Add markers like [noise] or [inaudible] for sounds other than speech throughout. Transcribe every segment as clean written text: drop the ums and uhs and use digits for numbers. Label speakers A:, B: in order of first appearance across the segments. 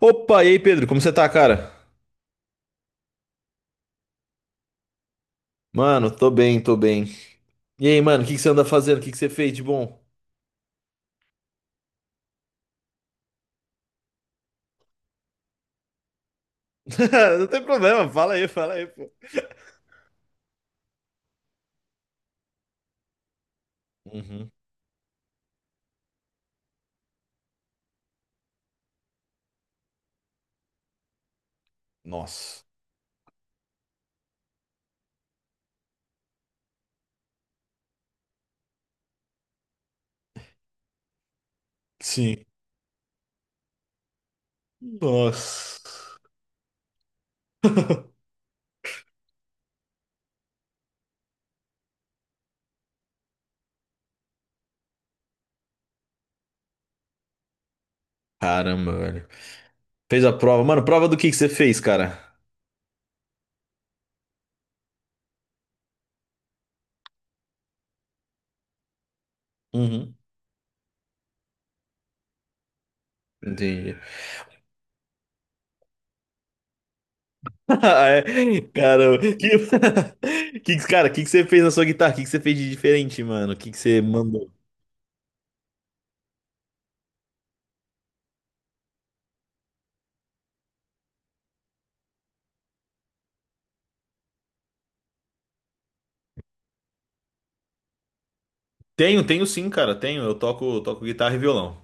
A: Opa, e aí, Pedro, como você tá, cara? Mano, tô bem, tô bem. E aí, mano, o que que você anda fazendo? O que que você fez de bom? [laughs] Não tem problema, fala aí, pô. Uhum. Nossa. Sim. Nossa. [laughs] Caramba, velho. Fez a prova. Mano, prova do que você fez, cara? Uhum. Entendi. [laughs] Ah, é? Caramba. Que... [laughs] Cara, o que que você fez na sua guitarra? O que que você fez de diferente, mano? O que que você mandou? Tenho, tenho sim, cara, tenho. Eu toco, toco guitarra e violão.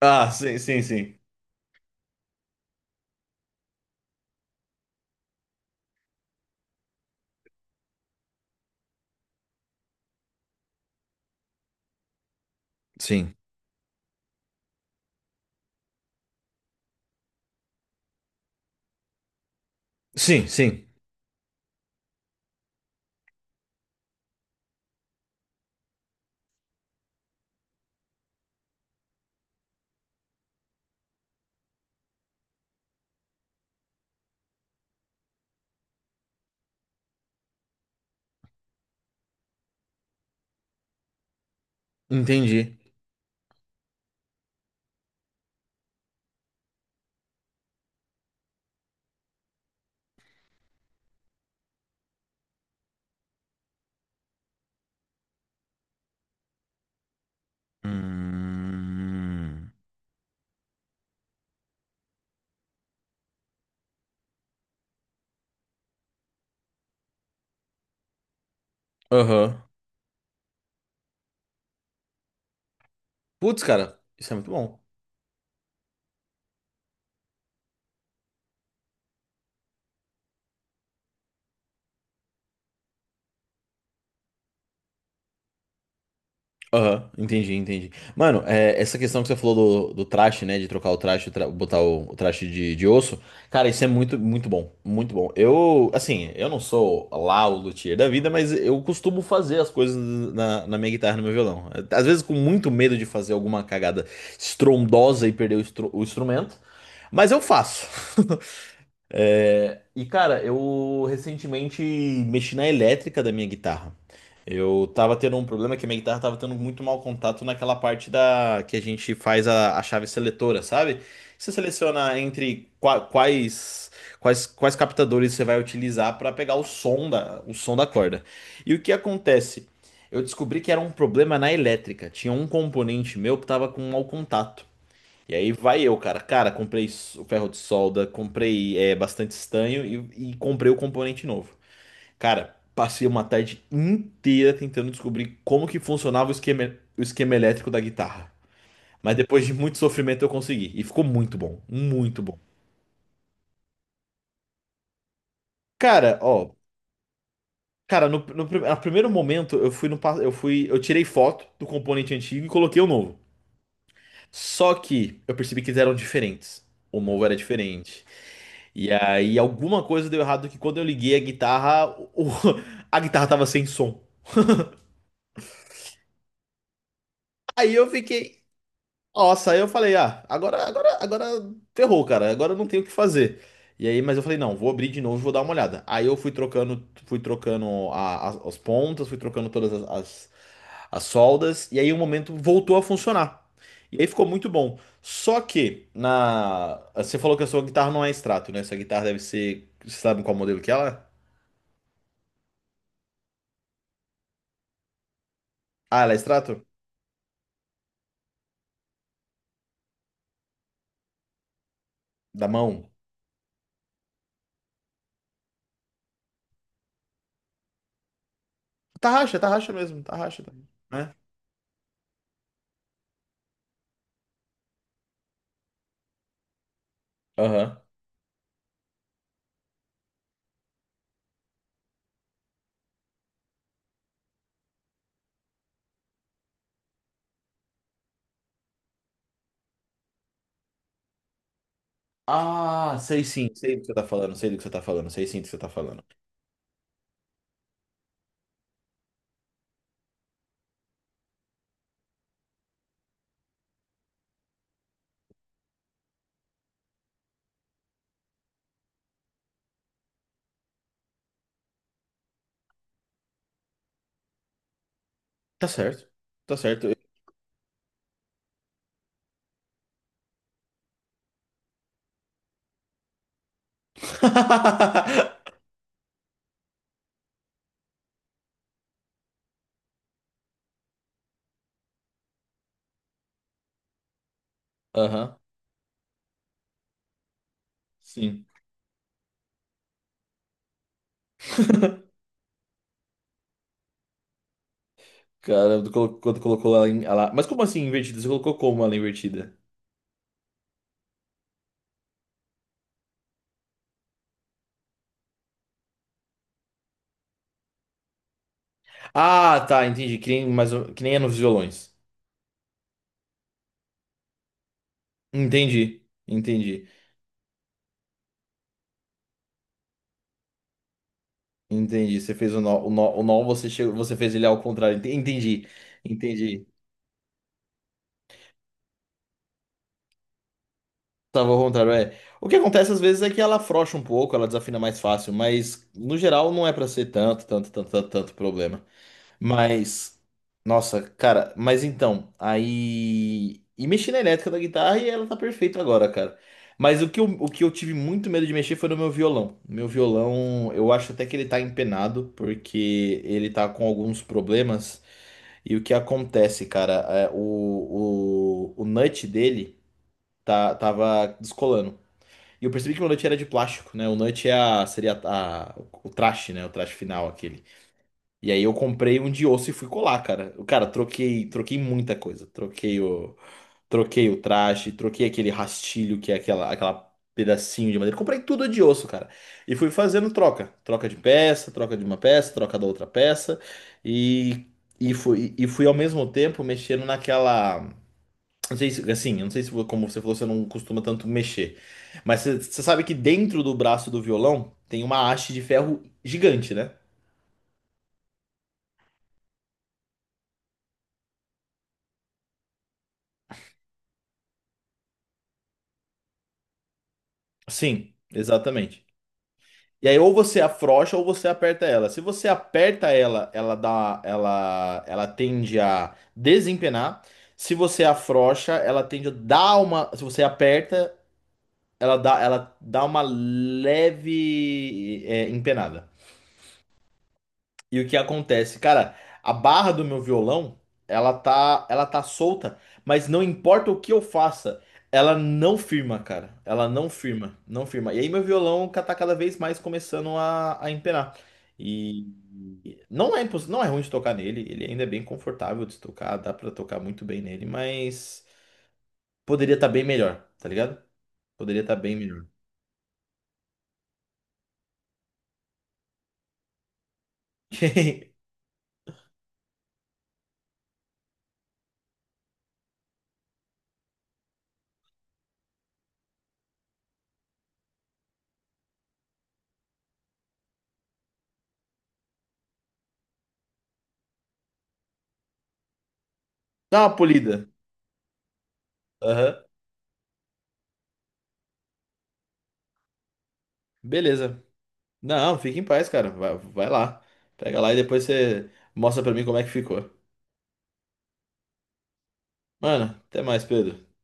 A: Ah, sim, sim, sim. Sim. Sim, sim. Entendi. Hum. Aham. Putz, cara, isso é muito bom. Aham, entendi, entendi. Mano, é, essa questão que você falou do traste, né? De trocar o traste, botar o traste de osso. Cara, isso é muito, muito bom. Muito bom. Eu, assim, eu não sou lá o luthier da vida, mas eu costumo fazer as coisas na, na minha guitarra, no meu violão. Às vezes com muito medo de fazer alguma cagada estrondosa e perder o, o instrumento, mas eu faço. [laughs] É, e cara, eu recentemente mexi na elétrica da minha guitarra. Eu tava tendo um problema que a minha guitarra tava tendo muito mau contato naquela parte da que a gente faz a chave seletora, sabe? Você seleciona entre quais quais captadores você vai utilizar para pegar o som da corda. E o que acontece? Eu descobri que era um problema na elétrica. Tinha um componente meu que tava com mau contato. E aí vai eu, cara. Cara, comprei o ferro de solda, comprei é, bastante estanho e comprei o componente novo. Cara, passei uma tarde inteira tentando descobrir como que funcionava o esquema elétrico da guitarra. Mas depois de muito sofrimento eu consegui. E ficou muito bom, muito bom. Cara, ó, cara, no, no, a primeiro momento eu fui no, eu fui, eu tirei foto do componente antigo e coloquei o novo. Só que eu percebi que eles eram diferentes. O novo era diferente. E aí alguma coisa deu errado que quando eu liguei a guitarra, o- [laughs] a guitarra tava sem som. Aí eu fiquei, nossa, aí eu falei, ah, agora, agora, agora ferrou, cara, agora eu não tenho o que fazer. E aí, mas eu falei, não, vou abrir de novo, e vou dar uma olhada. Aí eu fui trocando as pontas, fui trocando todas as soldas, e aí um momento voltou a funcionar. E aí ficou muito bom. Só que na, você falou que a sua guitarra não é extrato, né? Sua guitarra deve ser, você sabe qual modelo que ela é? Ah, ela é extrato? Da mão? Tarraxa, tarraxa mesmo, tarraxa, né? Aham. Ah, sei sim, sei do que você tá falando, sei do que você tá falando, sei sim do que você tá falando. Tá certo, tá certo. [laughs] Aham, sim. Cara, quando colocou ela, Mas como assim invertida? Você colocou como ela invertida? Ah, tá, entendi. Que nem, mas, que nem é nos violões. Entendi, entendi, entendi. Você fez o nó, o nó, o nó você, chegou, você fez ele ao contrário. Entendi, entendi. Tava ao contrário, é. O que acontece às vezes é que ela afrouxa um pouco, ela desafina mais fácil, mas no geral não é pra ser tanto, tanto, tanto, tanto, tanto problema. Mas, nossa, cara, mas então, aí. E mexi na elétrica da guitarra e ela tá perfeita agora, cara. Mas o que eu tive muito medo de mexer foi no meu violão. Meu violão, eu acho até que ele tá empenado, porque ele tá com alguns problemas. E o que acontece, cara, é, o nut dele tá, tava descolando. E eu percebi que o nut era de plástico, né? O nut é a, seria a, o traste, né? O traste final, aquele. E aí eu comprei um de osso e fui colar, cara. Eu, Cara, troquei, troquei muita coisa. Troquei o, troquei o traste, troquei aquele rastilho, que é aquela, aquela pedacinho de madeira. Comprei tudo de osso, cara. E fui fazendo troca. Troca de peça, troca de uma peça, troca da outra peça. E, e fui ao mesmo tempo mexendo naquela não sei se, assim, eu não sei se, como você falou, você não costuma tanto mexer. Mas você sabe que dentro do braço do violão tem uma haste de ferro gigante, né? Sim, exatamente. E aí ou você afrouxa ou você aperta ela. Se você aperta ela, ela dá, ela tende a desempenar. Se você afrouxa, ela tende a dar uma, se você aperta, ela dá uma leve, é, empenada. E o que acontece? Cara, a barra do meu violão, ela tá solta, mas não importa o que eu faça, ela não firma, cara. Ela não firma, não firma. E aí meu violão tá cada vez mais começando a empenar. E não é imposs... não é ruim de tocar nele, ele ainda é bem confortável de tocar, dá pra tocar muito bem nele, mas poderia estar bem melhor, tá ligado? Poderia estar bem melhor. [laughs] Dá uma polida. Aham. Beleza. Não, fica em paz, cara. Vai, vai lá. Pega lá e depois você mostra pra mim como é que ficou. Mano, até mais, Pedro.